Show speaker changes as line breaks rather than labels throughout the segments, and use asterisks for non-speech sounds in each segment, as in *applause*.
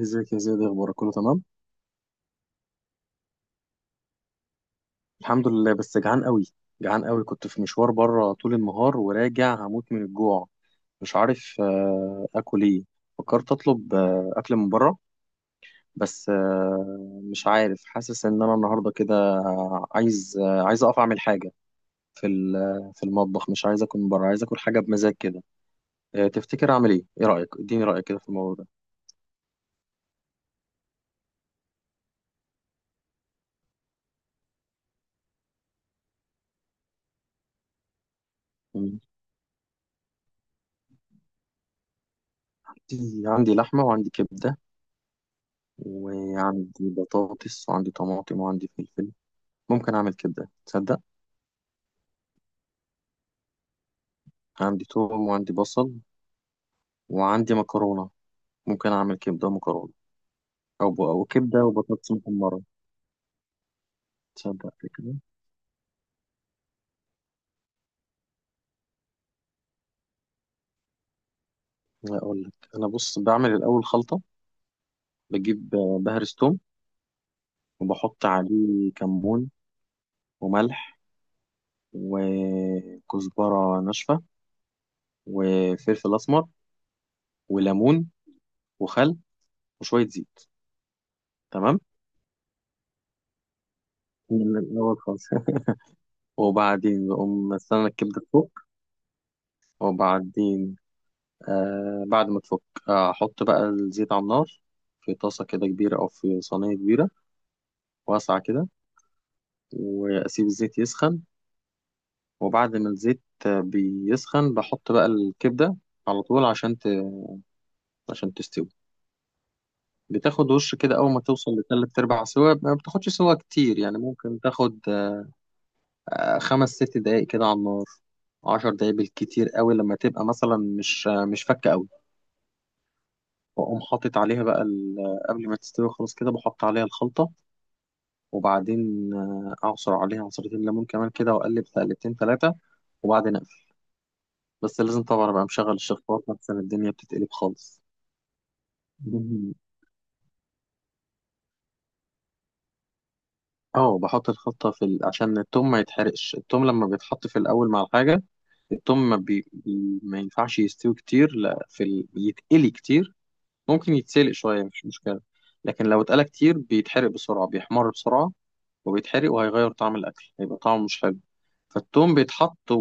ازيك يا زياد؟ إيه اخبارك؟ كله تمام؟ الحمد لله بس جعان قوي. جعان قوي، كنت في مشوار بره طول النهار وراجع هموت من الجوع. مش عارف اكل ايه. فكرت اطلب اكل من بره، بس مش عارف، حاسس ان انا النهارده كده عايز، عايز اقف اعمل حاجه في في المطبخ. مش عايز اكل من بره، عايز اكل حاجه بمزاج كده. تفتكر اعمل ايه؟ ايه رايك؟ اديني رايك كده في الموضوع ده. مم. عندي لحمه وعندي كبده، وعندي بطاطس وعندي طماطم وعندي فلفل. ممكن أعمل كبدة، تصدق؟ عندي توم وعندي بصل وعندي مكرونة. ممكن أعمل كبدة ومكرونة، أو كبدة وبطاطس محمرة. تصدق كده؟ لا أقول لك، أنا بص، بعمل الأول خلطة. بجيب، بهرس توم وبحط عليه كمون وملح وكزبرة ناشفة وفلفل أسمر وليمون وخل وشوية زيت. تمام، من الأول خالص *laughs* وبعدين بقوم استنى الكبدة تفك، وبعدين بعد ما تفك، أحط بقى الزيت على النار في طاسة كده كبيرة أو في صينية كبيرة واسعة كده، وأسيب الزيت يسخن. وبعد ما الزيت بيسخن، بحط بقى الكبدة على طول عشان عشان تستوي. بتاخد وش كده، أول ما توصل لتلات أرباع سوا، ما بتاخدش سوا كتير يعني. ممكن تاخد خمس ست دقايق كده على النار، عشر دقايق بالكتير قوي، لما تبقى مثلا مش مش فكة قوي. وأقوم حاطط عليها بقى قبل ما تستوي خلاص كده بحط عليها الخلطة. وبعدين أعصر عليها عصرتين ليمون كمان كده، وأقلب تقلبتين ثلاثة، وبعدين أقفل. بس لازم طبعا أبقى مشغل الشفاط عشان الدنيا بتتقلب خالص. مم. اه، بحط الخلطة في عشان التوم ما يتحرقش. التوم لما بيتحط في الأول مع الحاجة، التوم ما, بي... بي... ما ينفعش يستوي كتير، لا في يتقلي كتير. ممكن يتسلق شوية، مش مشكلة، لكن لو اتقلى كتير بيتحرق بسرعة، بيحمر بسرعة وبيتحرق، وهيغير طعم الأكل، هيبقى طعمه مش حلو. فالتوم بيتحط،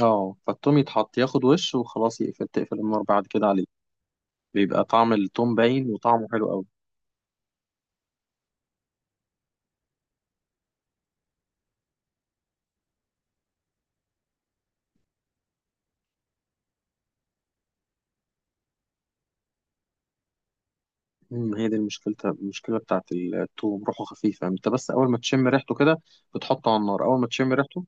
اه، فالتوم يتحط ياخد وش وخلاص، يقفل تقفل النار بعد كده عليه، بيبقى طعم التوم باين وطعمه حلو قوي. امم، هي دي المشكلة، المشكلة بتاعت التوم روحه خفيفة. انت بس اول ما تشم ريحته كده، بتحطه على النار، اول ما تشم ريحته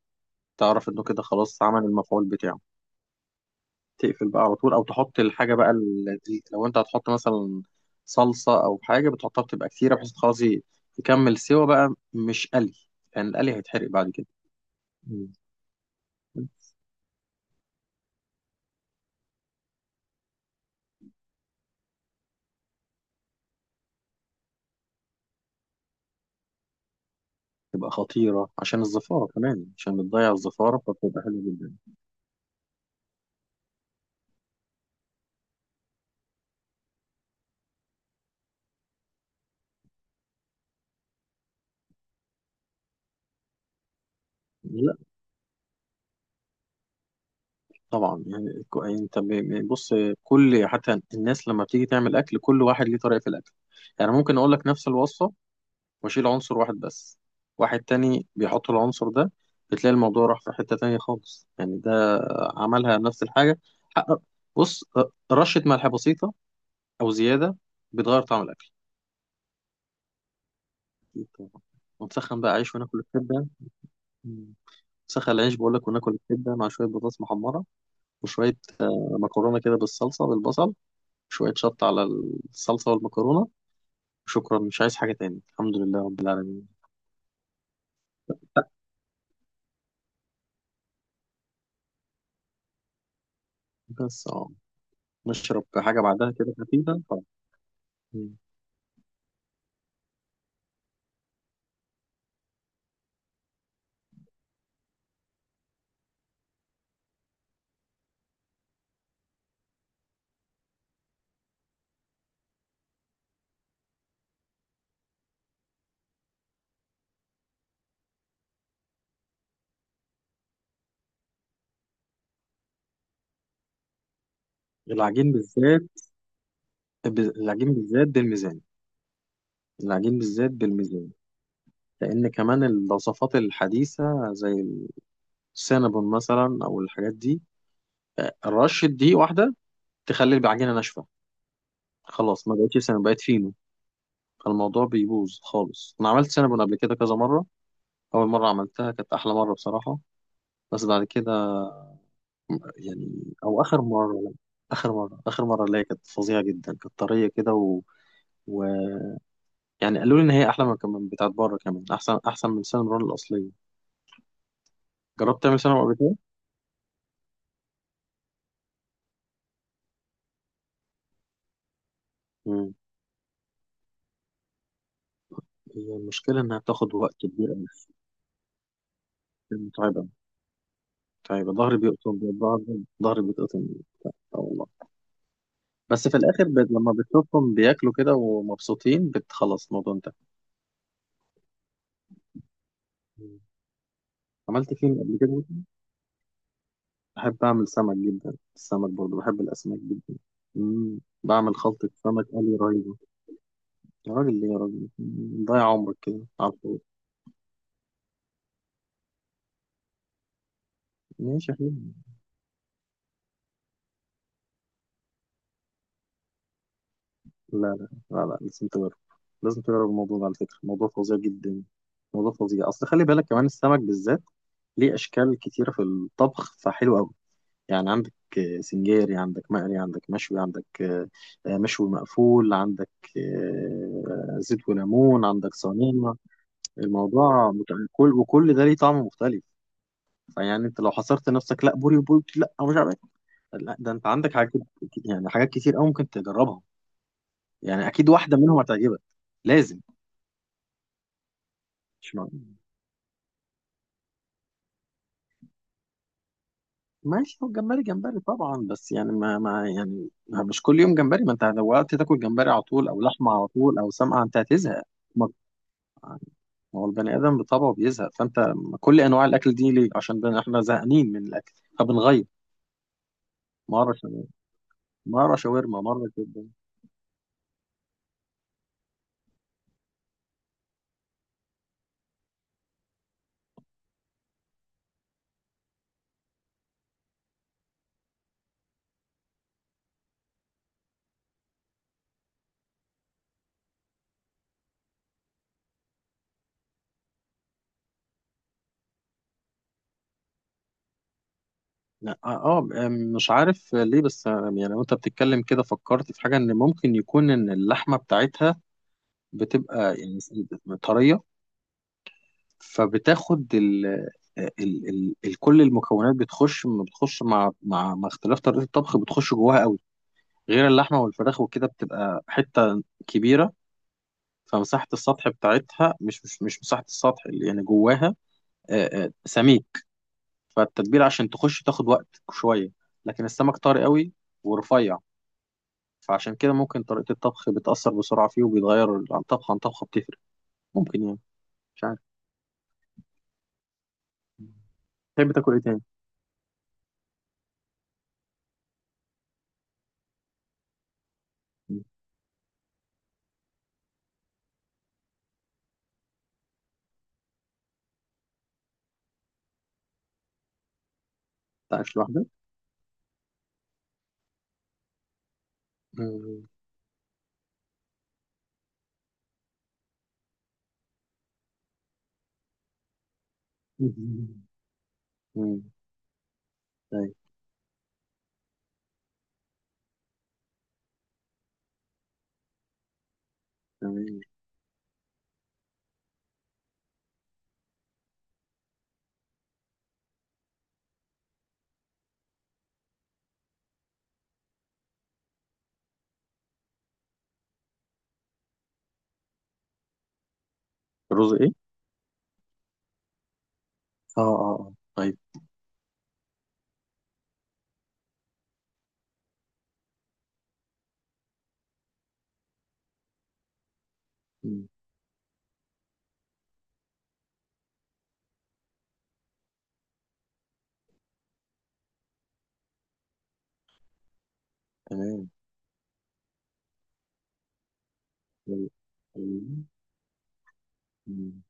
تعرف انه كده خلاص عمل المفعول بتاعه. تقفل بقى على طول، او تحط الحاجة بقى لو انت هتحط مثلا صلصة او حاجة بتحطها بتبقى كتيرة، بحيث خلاص يكمل سوا بقى مش قلي، يعني القلي هيتحرق بعد كده. مم. تبقى خطيرة عشان الزفارة كمان، عشان بتضيع الزفارة، فبتبقى حلوة جدا. لا طبعا، يعني بص، كل، حتى الناس لما بتيجي تعمل اكل، كل واحد ليه طريقة في الاكل. يعني ممكن اقول لك نفس الوصفة واشيل عنصر واحد بس، واحد تاني بيحط العنصر ده، بتلاقي الموضوع راح في حتة تانية خالص. يعني ده عملها نفس الحاجة. حقق- بص، رشة ملح بسيطة او زيادة بتغير طعم الاكل. أكيد طبعاً. ونسخن بقى عيش وناكل الكبدة. نسخن العيش بقول لك، وناكل الكبده مع شويه بطاطس محمره وشويه مكرونه كده بالصلصه بالبصل، شويه شطه على الصلصه والمكرونه. شكرا، مش عايز حاجه تاني، الحمد لله رب العالمين. بس اه، نشرب حاجه بعدها كده خفيفه طبعا. العجين بالذات، العجين بالذات بالميزان. العجين بالذات بالميزان، لان كمان الوصفات الحديثه زي السينابون مثلا او الحاجات دي، رشه دي واحده تخلي العجينه ناشفه، خلاص ما بقتش سينابون، بقت فينو. فالموضوع بيبوظ خالص. انا عملت سينابون قبل كده كذا مره، اول مره عملتها كانت احلى مره بصراحه، بس بعد كده، يعني او اخر مره، لا. اخر مره، اخر مره اللي هي كانت فظيعه جدا، كانت طريه كده، و... و... يعني قالوا لي ان هي احلى من كمان بتاعت بره، كمان احسن، احسن من السينابون الاصليه. جربت تعمل سينابون قبل كده؟ مم. هي المشكله انها بتاخد وقت كبير قوي. متعبه، متعبه، ظهري بيقطم، ظهري، ظهري بيتقطم. اه والله. بس في الاخر، لما بتشوفهم بياكلوا كده ومبسوطين، بتخلص الموضوع، انتهى. عملت فين قبل كده. بحب أعمل سمك جدا، السمك برضه بحب الأسماك جدا. مم. بعمل خلطة سمك قلي رهيبة. يا راجل ليه؟ يا راجل مم، ضيع عمرك كده على الفاضي. ماشي، حلو. لا لا لا لا، لازم تجرب، لازم تجرب الموضوع ده، على فكرة موضوع فظيع جدا، موضوع فظيع. أصل خلي بالك كمان، السمك بالذات ليه أشكال كتيرة في الطبخ، فحلو أوي. يعني عندك سنجاري، عندك مقلي، عندك مشوي، عندك مشوي مقفول، عندك زيت وليمون، عندك صينية. الموضوع مت... كل، وكل ده ليه طعم مختلف. فيعني انت لو حصرت نفسك لا بوري وبولتي، لا مش عارف إيه. لا ده انت عندك يعني حاجات كتير قوي ممكن تجربها، يعني اكيد واحده منهم هتعجبك، لازم. مش مع... ماشي، هو الجمبري جمبري طبعا، بس يعني ما مش كل يوم جمبري. ما انت لو وقت تاكل جمبري على طول، او لحمه على طول، او سمك، انت هتزهق. ما يعني، هو البني ادم بطبعه بيزهق. فانت كل انواع الاكل دي ليه، عشان احنا زهقانين من الاكل فبنغير، مره شاورما، مره شاورما، مره كده. لا، اه، مش عارف ليه، بس يعني وانت بتتكلم كده فكرت في حاجه، ان ممكن يكون ان اللحمه بتاعتها بتبقى يعني طريه، فبتاخد ال آه، ال ال ال كل المكونات بتخش، بتخش مع، مع، مع اختلاف طريقه الطبخ بتخش جواها قوي. غير اللحمه والفراخ وكده بتبقى حته كبيره، فمساحه السطح بتاعتها مش مساحه السطح اللي يعني جواها سميك، فالتتبيله عشان تخش تاخد وقت شويه. لكن السمك طري قوي ورفيع، فعشان كده ممكن طريقة الطبخ بتأثر بسرعة فيه، وبيتغير عن طبخة عن طبخة، بتفرق، ممكن، يعني مش عارف. تحب تاكل ايه تاني؟ مم. انت عايش لوحدك؟ مم. مم. طيب. تمام. الرز ايه؟ اه اه. اه طيب. مم. تمام. مم. مم.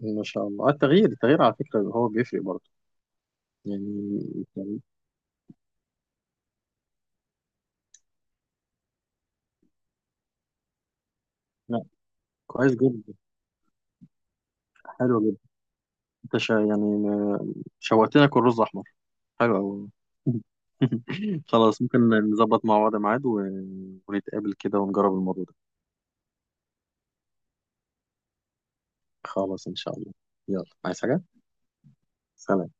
ما شاء الله. التغيير، التغيير على فكرة هو بيفرق برضه يعني. يعني- لا، كويس جدا، حلو جدا. انت شا يعني ما- شوقتني اكل رز احمر، حلو أوي *laughs* خلاص ممكن نظبط مع بعض ميعاد، و... ونتقابل كده ونجرب الموضوع ده. خلاص، إن شاء الله. يلا، عايز حاجة؟ سلام.